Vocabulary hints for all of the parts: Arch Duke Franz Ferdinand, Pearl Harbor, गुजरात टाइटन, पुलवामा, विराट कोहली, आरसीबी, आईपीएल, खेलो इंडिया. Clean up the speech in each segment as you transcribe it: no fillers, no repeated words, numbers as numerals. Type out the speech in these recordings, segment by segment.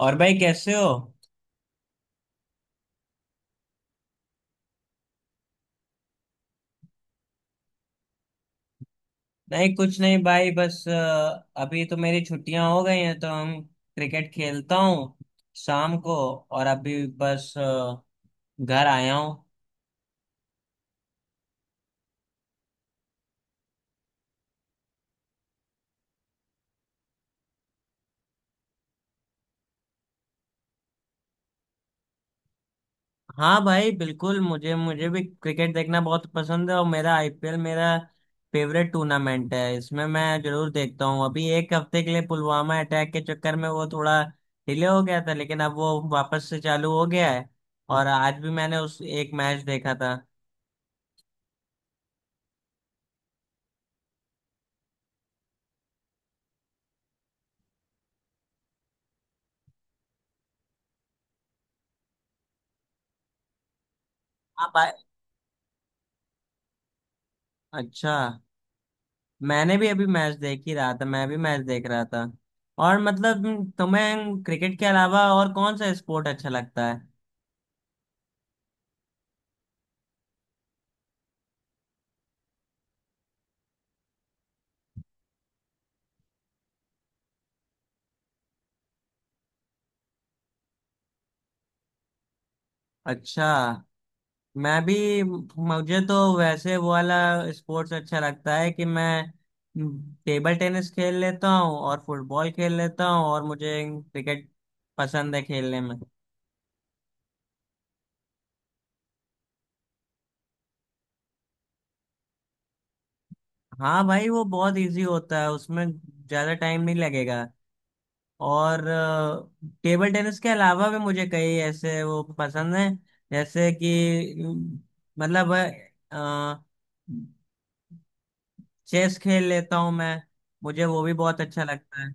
और भाई कैसे हो। नहीं कुछ नहीं भाई बस अभी तो मेरी छुट्टियां हो गई हैं तो हम क्रिकेट खेलता हूँ शाम को। और अभी बस घर आया हूँ। हाँ भाई बिल्कुल, मुझे मुझे भी क्रिकेट देखना बहुत पसंद है और मेरा आईपीएल मेरा फेवरेट टूर्नामेंट है, इसमें मैं जरूर देखता हूँ। अभी एक हफ्ते के लिए पुलवामा अटैक के चक्कर में वो थोड़ा डिले हो गया था, लेकिन अब वो वापस से चालू हो गया है। और आज भी मैंने उस एक मैच देखा था। हाँ भाई। अच्छा। मैंने भी अभी मैच देख ही रहा था, मैं भी मैच देख रहा था। और मतलब तुम्हें क्रिकेट के अलावा और कौन सा स्पोर्ट अच्छा लगता है। अच्छा। मैं भी, मुझे तो वैसे वो वाला स्पोर्ट्स अच्छा लगता है कि मैं टेबल टेनिस खेल लेता हूँ और फुटबॉल खेल लेता हूँ, और मुझे क्रिकेट पसंद है खेलने में। हाँ भाई, वो बहुत इजी होता है, उसमें ज्यादा टाइम नहीं लगेगा। और टेबल टेनिस के अलावा भी मुझे कई ऐसे वो पसंद हैं, जैसे कि मतलब, चेस खेल लेता हूँ मैं। मुझे वो भी बहुत अच्छा लगता है।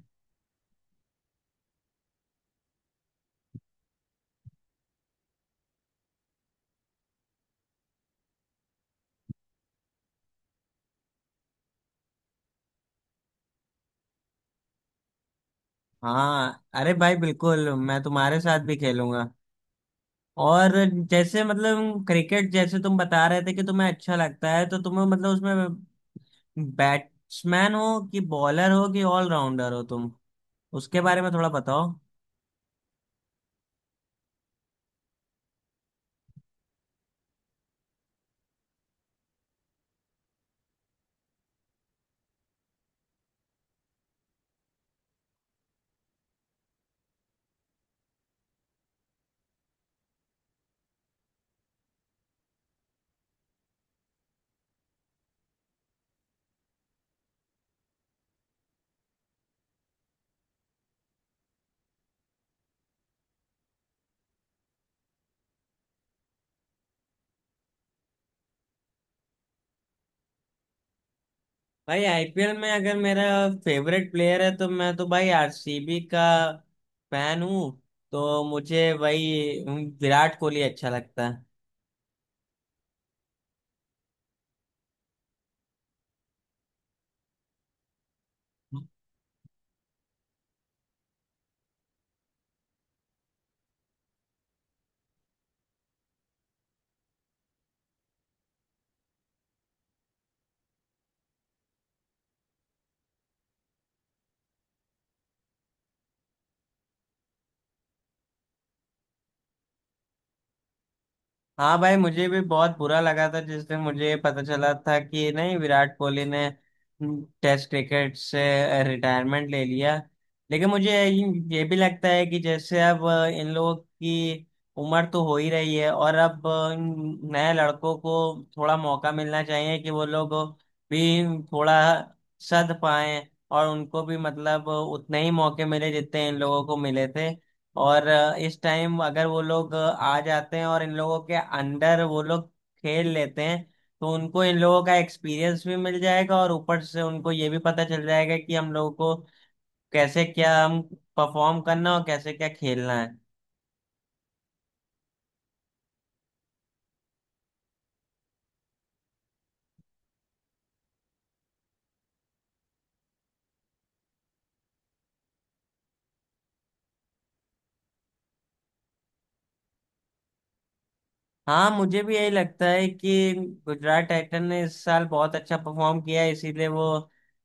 हाँ अरे भाई बिल्कुल, मैं तुम्हारे साथ भी खेलूंगा। और जैसे मतलब क्रिकेट, जैसे तुम बता रहे थे कि तुम्हें अच्छा लगता है, तो तुम्हें मतलब उसमें बैट्समैन हो कि बॉलर हो कि ऑलराउंडर हो तुम, उसके बारे में थोड़ा बताओ। भाई आईपीएल में अगर मेरा फेवरेट प्लेयर है तो मैं तो भाई आरसीबी का फैन हूँ। तो मुझे भाई विराट कोहली अच्छा लगता है। हाँ भाई, मुझे भी बहुत बुरा लगा था जिस दिन मुझे पता चला था कि नहीं, विराट कोहली ने टेस्ट क्रिकेट से रिटायरमेंट ले लिया। लेकिन मुझे ये भी लगता है कि जैसे अब इन लोगों की उम्र तो हो ही रही है, और अब इन नए लड़कों को थोड़ा मौका मिलना चाहिए कि वो लोग भी थोड़ा सध पाएं, और उनको भी मतलब उतने ही मौके मिले जितने इन लोगों को मिले थे। और इस टाइम अगर वो लोग आ जाते हैं और इन लोगों के अंडर वो लोग खेल लेते हैं, तो उनको इन लोगों का एक्सपीरियंस भी मिल जाएगा, और ऊपर से उनको ये भी पता चल जाएगा कि हम लोगों को कैसे क्या हम परफॉर्म करना और कैसे क्या खेलना है। हाँ मुझे भी यही लगता है कि गुजरात टाइटन ने इस साल बहुत अच्छा परफॉर्म किया है, इसीलिए वो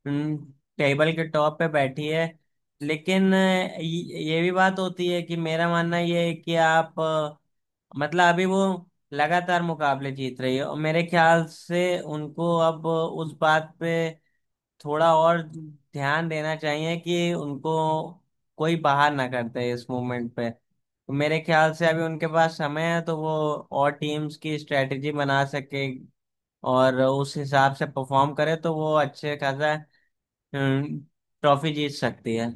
टेबल के टॉप पे बैठी है। लेकिन ये भी बात होती है कि मेरा मानना ये है कि आप, मतलब अभी वो लगातार मुकाबले जीत रही है, और मेरे ख्याल से उनको अब उस बात पे थोड़ा और ध्यान देना चाहिए कि उनको कोई बाहर ना करते इस मूवमेंट पे। तो मेरे ख्याल से अभी उनके पास समय है, तो वो और टीम्स की स्ट्रेटेजी बना सके और उस हिसाब से परफॉर्म करे, तो वो अच्छे खासा हम्म, ट्रॉफी जीत सकती है।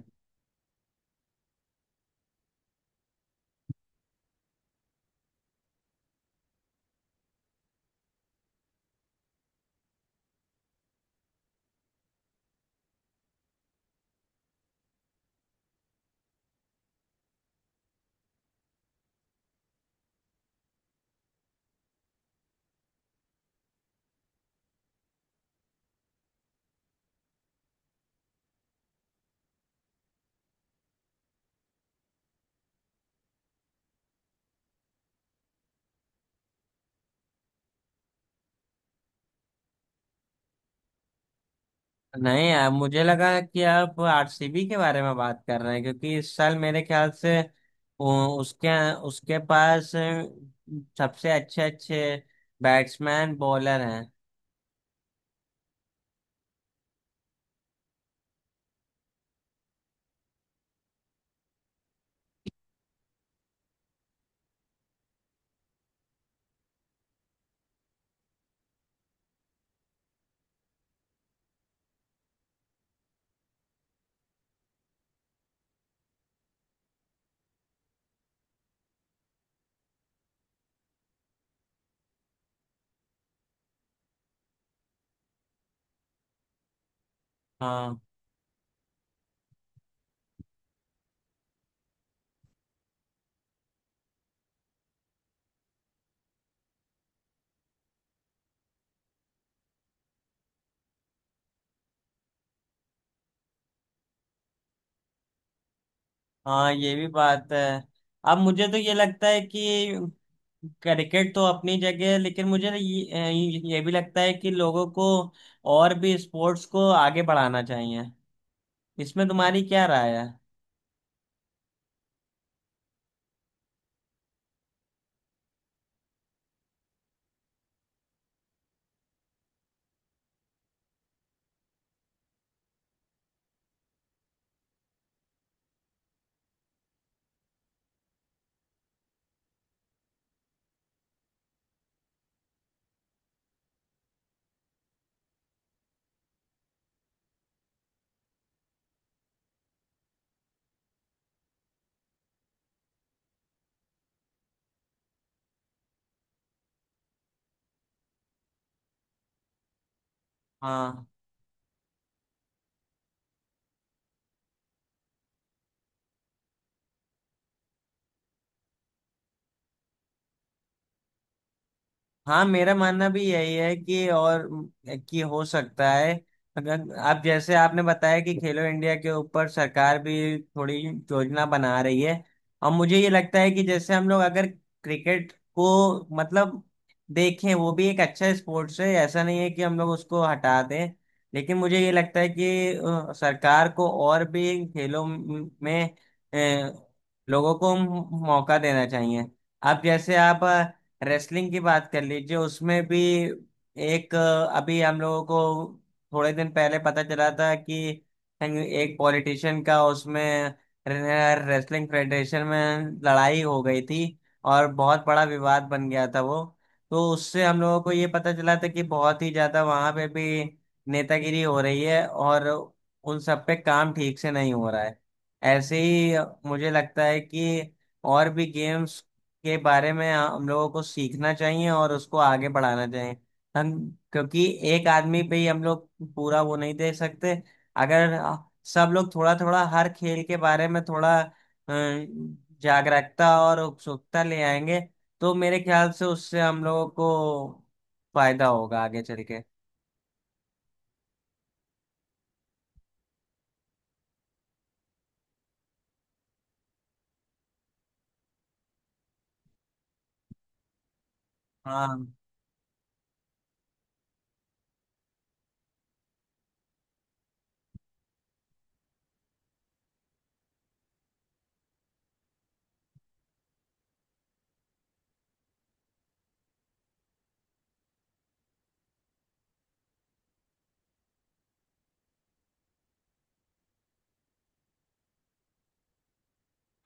नहीं यार, मुझे लगा कि आप आरसीबी के बारे में बात कर रहे हैं, क्योंकि इस साल मेरे ख्याल से उसके उसके पास सबसे अच्छे अच्छे बैट्समैन बॉलर हैं। हाँ हाँ, ये भी बात है। अब मुझे तो ये लगता है कि क्रिकेट तो अपनी जगह है, लेकिन मुझे ये भी लगता है कि लोगों को और भी स्पोर्ट्स को आगे बढ़ाना चाहिए। इसमें तुम्हारी क्या राय है। हाँ हाँ, मेरा मानना भी यही है कि, और कि हो सकता है अगर आप, जैसे आपने बताया कि खेलो इंडिया के ऊपर सरकार भी थोड़ी योजना बना रही है। और मुझे ये लगता है कि जैसे हम लोग अगर क्रिकेट को मतलब देखें, वो भी एक अच्छा स्पोर्ट्स है, ऐसा नहीं है कि हम लोग उसको हटा दें। लेकिन मुझे ये लगता है कि सरकार को और भी खेलों में अ, लोगों को मौका देना चाहिए। अब जैसे आप रेसलिंग की बात कर लीजिए, उसमें भी एक अभी हम लोगों को थोड़े दिन पहले पता चला था कि एक पॉलिटिशियन का उसमें रेसलिंग फेडरेशन में लड़ाई हो गई थी और बहुत बड़ा विवाद बन गया था वो। तो उससे हम लोगों को ये पता चला था कि बहुत ही ज्यादा वहां पे भी नेतागिरी हो रही है, और उन सब पे काम ठीक से नहीं हो रहा है। ऐसे ही मुझे लगता है कि और भी गेम्स के बारे में हम लोगों को सीखना चाहिए और उसको आगे बढ़ाना चाहिए हम, क्योंकि एक आदमी पे ही हम लोग पूरा वो नहीं दे सकते। अगर सब लोग थोड़ा थोड़ा हर खेल के बारे में थोड़ा जागरूकता और उत्सुकता ले आएंगे, तो मेरे ख्याल से उससे हम लोगों को फायदा होगा आगे चल के। हाँ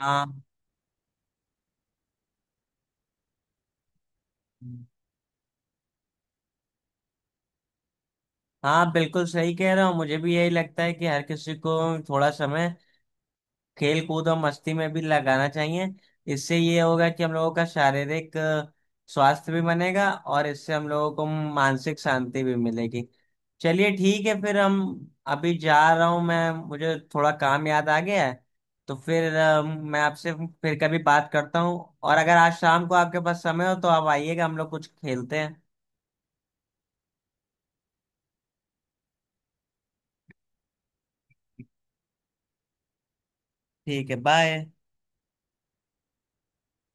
हाँ। हाँ बिल्कुल सही कह रहा हूँ, मुझे भी यही लगता है कि हर किसी को थोड़ा समय खेल कूद और मस्ती में भी लगाना चाहिए। इससे ये होगा कि हम लोगों का शारीरिक स्वास्थ्य भी बनेगा, और इससे हम लोगों को मानसिक शांति भी मिलेगी। चलिए ठीक है, फिर हम, अभी जा रहा हूँ मैं, मुझे थोड़ा काम याद आ गया है। तो फिर मैं आपसे फिर कभी बात करता हूँ, और अगर आज शाम को आपके पास समय हो तो आप आइएगा, हम लोग कुछ खेलते हैं। ठीक है बाय।